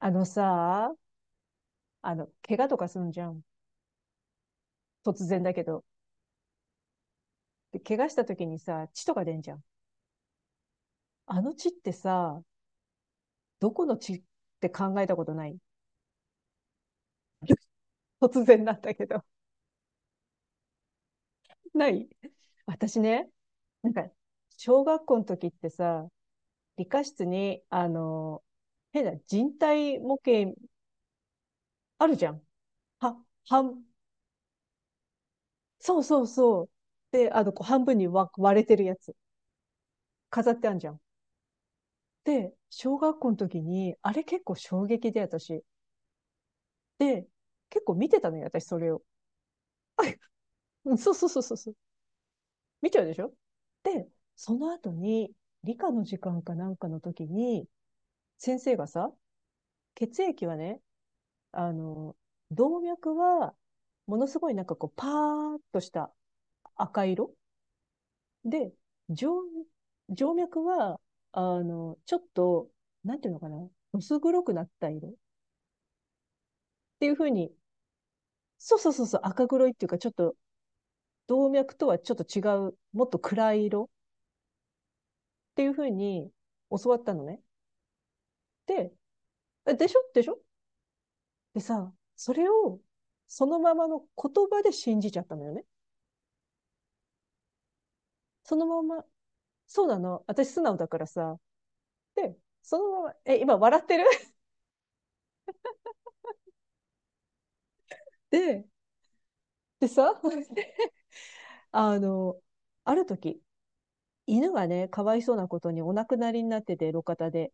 あのさ、怪我とかすんじゃん。突然だけど。で、怪我した時にさ、血とか出んじゃん。あの血ってさ、どこの血って考えたことない？ 突然なんだけど。ない。私ね、なんか、小学校の時ってさ、理科室に、変な人体模型あるじゃん。は、半、そうそうそう。で、こう半分に割れてるやつ。飾ってあんじゃん。で、小学校の時に、あれ結構衝撃で私。で、結構見てたのよ、私それを。うん、そうそうそうそう。見ちゃうでしょ。で、その後に、理科の時間かなんかの時に、先生がさ、血液はね、あの、動脈は、ものすごいなんかこう、パーっとした赤色で、静静脈は、ちょっと、なんていうのかな、薄黒くなった色っていう風に、そうそうそうそう、赤黒いっていうか、ちょっと、動脈とはちょっと違う、もっと暗い色っていうふうに教わったのね。で、でしょでしょ。でさ、それをそのままの言葉で信じちゃったのよね。そのまま、そうなの。私素直だからさ。で、そのまま、今笑ってる？ で、でさ、あの、ある時、犬がね、かわいそうなことにお亡くなりになってて、路肩で。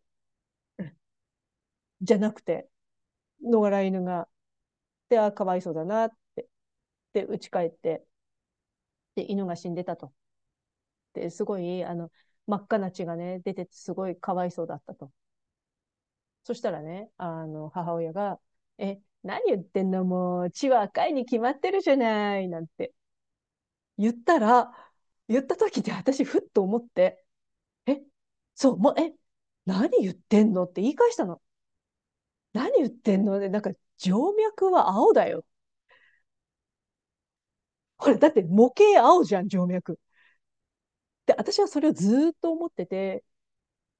じゃなくて、野良犬が。で、あ、かわいそうだなって。で、家帰って、で、犬が死んでたと。って、すごい、真っ赤な血がね、出てて、すごいかわいそうだったと。そしたらね、母親が、何言ってんのもう、血は赤いに決まってるじゃない、なんて言ったら、言った時で私、ふっと思って、え、そう、もう、何言ってんのって言い返したの。何言ってんので、なんか、静脈は青だよ。ほら、だって模型青じゃん、静脈。で、私はそれをずーっと思ってて、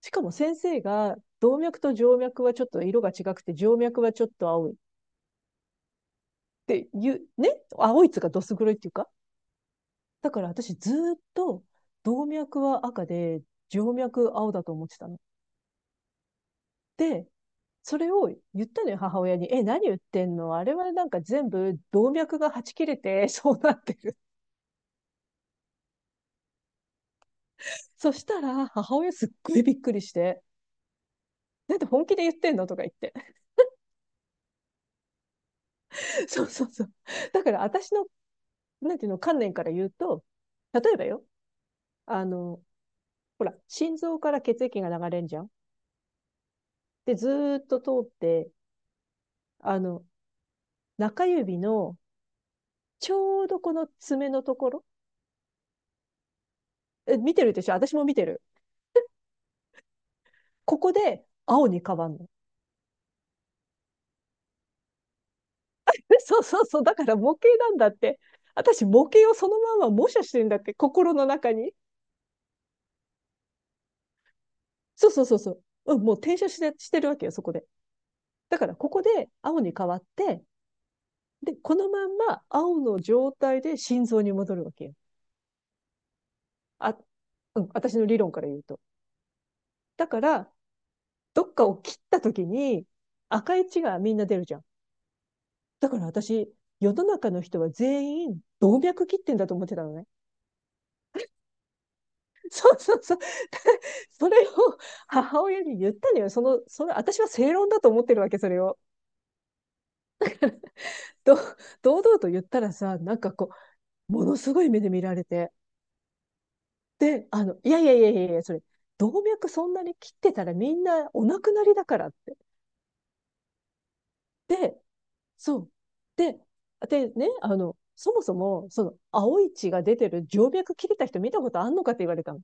しかも先生が、動脈と静脈はちょっと色が違くて、静脈はちょっと青いっていう、ね、青いつかどす黒いっていうか。だから私ずっと動脈は赤で、静脈青だと思ってたの。で、それを言ったのよ、母親に。何言ってんの、あれはなんか全部動脈がはち切れてそうなってる。そしたら、母親すっごいびっくりして、なんで本気で言ってんのとか言って。そうそうそう。だから私の、なんていうの、観念から言うと、例えばよ、あの、ほら、心臓から血液が流れんじゃん。で、ずーっと通って、あの、中指のちょうどこの爪のところ、見てるでしょ？私も見てる。ここで青に変わんの。そうそうそう。だから模型なんだって。私、模型をそのまま模写してるんだって、心の中に。そうそうそうそう。うん、もう転写してるわけよ、そこで。だから、ここで青に変わって、で、このまんま青の状態で心臓に戻るわけよ。あ、うん、私の理論から言うと。だから、どっかを切った時に赤い血がみんな出るじゃん。だから私、世の中の人は全員動脈切ってんだと思ってたのね。そうそうそう。で、それを母親に言ったのよ。その、私は正論だと思ってるわけ、それを。ど堂々と言ったらさ、なんかこう、ものすごい目で見られて。で、いやいやいやいやいや、それ、動脈そんなに切ってたらみんなお亡くなりだからって。で、そう。で、でね、そもそも、その、青い血が出てる静脈切れた人見たことあんのかって言われたの。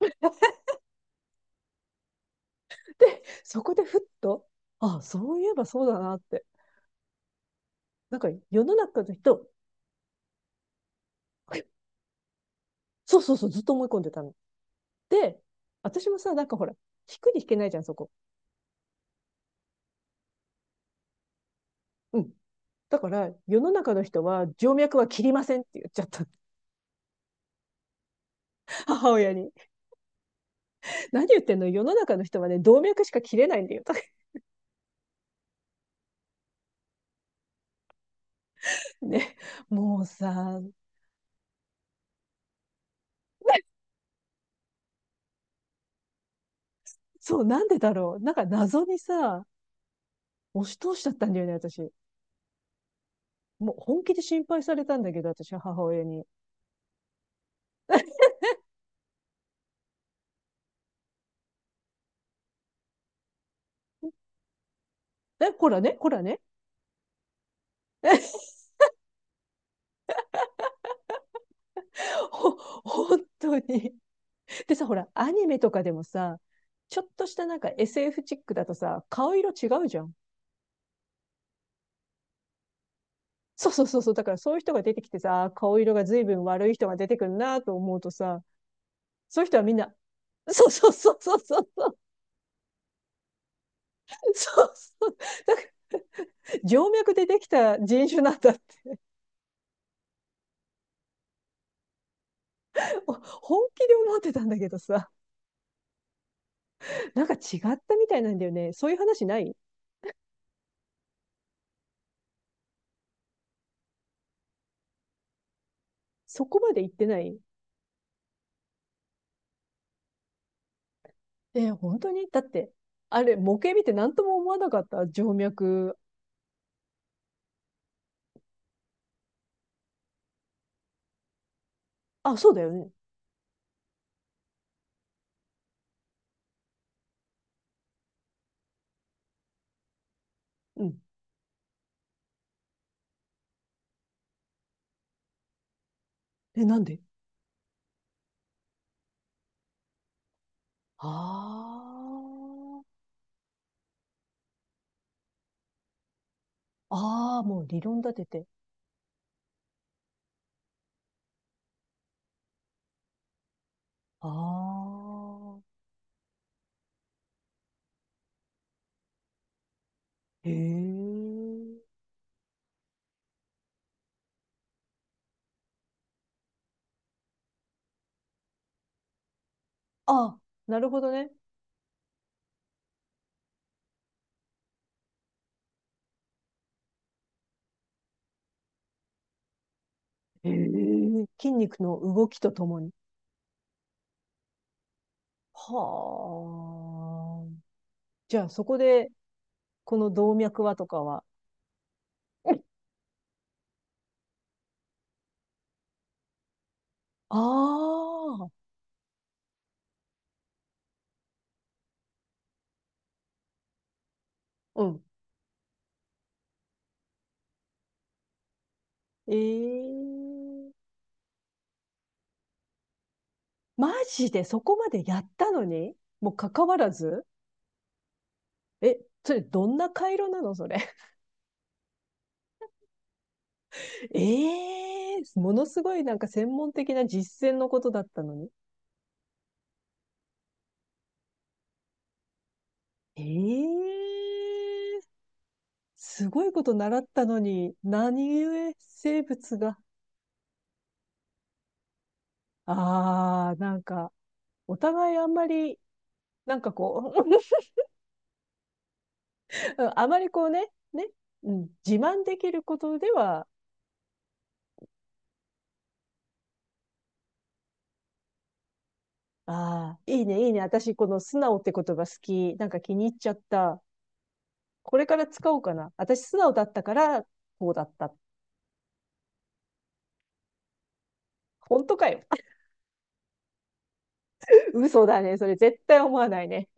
で、そこでふっと、あ、そういえばそうだなって。なんか、世の中の人、そうそうそう、ずっと思い込んでたの。で、私もさ、なんかほら、引くに引けないじゃん、そこ。うん。だから、世の中の人は、静脈は切りませんって言っちゃった。母親に。何言ってんの、世の中の人はね、動脈しか切れないんだよ。とかね。もうさ、そう、なんでだろう。なんか謎にさ、押し通しちゃったんだよね、私。もう本気で心配されたんだけど、私、母親に。え、こらね、こらね。えほ、本当に。でさ、ほら、アニメとかでもさ、ちょっとしたなんか SF チックだとさ、顔色違うじゃん。そうそうそうそう。だからそういう人が出てきてさ、あー顔色が随分悪い人が出てくるなと思うとさ、そういう人はみんな、そうそうそうそうそうそうそうそう。だから、静脈でできた人種なんだって。本気で思ってたんだけどさ、なんか違ったみたいなんだよね。そういう話ない？そこまで言ってない？本当に、だって、あれ、模型見て何とも思わなかった、静脈？あ、そうだよね。うん。え、なんで？ああ。ああ、もう理論立てて。ああ。へえ。あ、なるほどね。へえ。筋肉の動きとともに。はあ。じゃあ、そこで、この動脈はとかは？ああ、うん。ええ、マジで？そこまでやったのにもう関わらず？え、それどんな回路なのそれ。ええ、ものすごいなんか専門的な実践のことだったのに。ええ、すごいこと習ったのに、何故生物が。ああ、なんか、お互いあんまり、なんかこう、あまりこうね、うん、自慢できることでは。ああ、いいね、いいね。私、この素直って言葉好き。なんか気に入っちゃった。これから使おうかな。私、素直だったから、こうだった。本当かよ。嘘だね。それ絶対思わないね。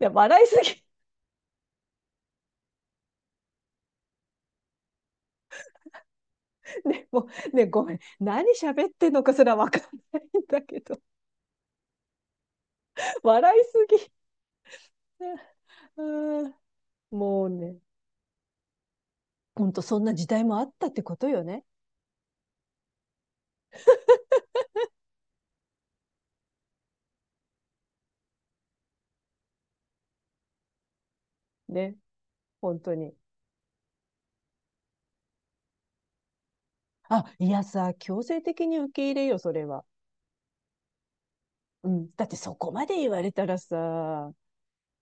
いや、笑いすぎ。ね、もう、ね、ごめん。何喋ってんのかすらわかんないんだけど。笑いすぎ。うん。もうね、ほんとそんな時代もあったってことよね。ね、本当に。あ、いやさ、強制的に受け入れよ、それは。うん。だってそこまで言われたらさ、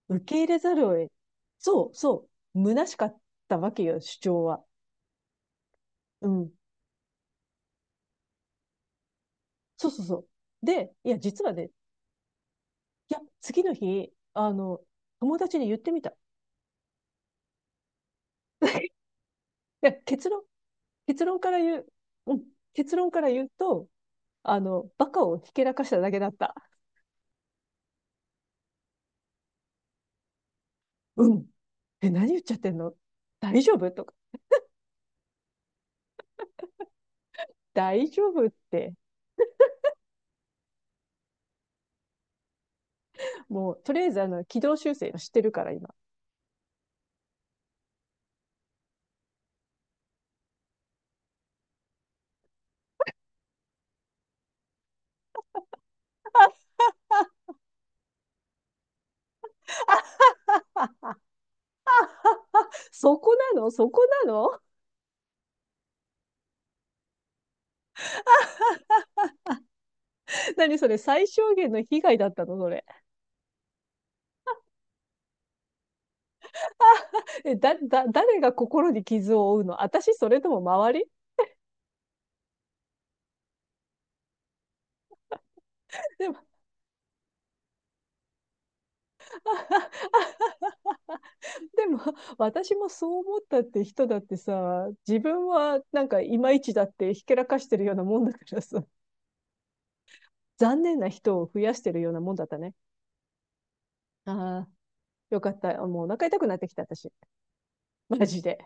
受け入れざるを得、そうそう、虚しかったわけよ、主張は。うん。そうそうそう。で、いや、実はね、いや、次の日、友達に言ってみた。いや結論から言う、うん、結論から言うと、バカをひけらかしただけだった。うん。何言っちゃってんの、大丈夫とか。大丈夫って、もう、とりあえず、軌道修正知してるから、今。そこなのそこなの。何それ？最小限の被害だったのそれ？あ、え、誰が心に傷を負うの？私？それとも周り？ でも、あ、あ、でも、私もそう思ったって人だってさ、自分はなんかいまいちだってひけらかしてるようなもんだからさ、残念な人を増やしてるようなもんだったね。ああ、よかった。もうお腹痛くなってきた私。マジで。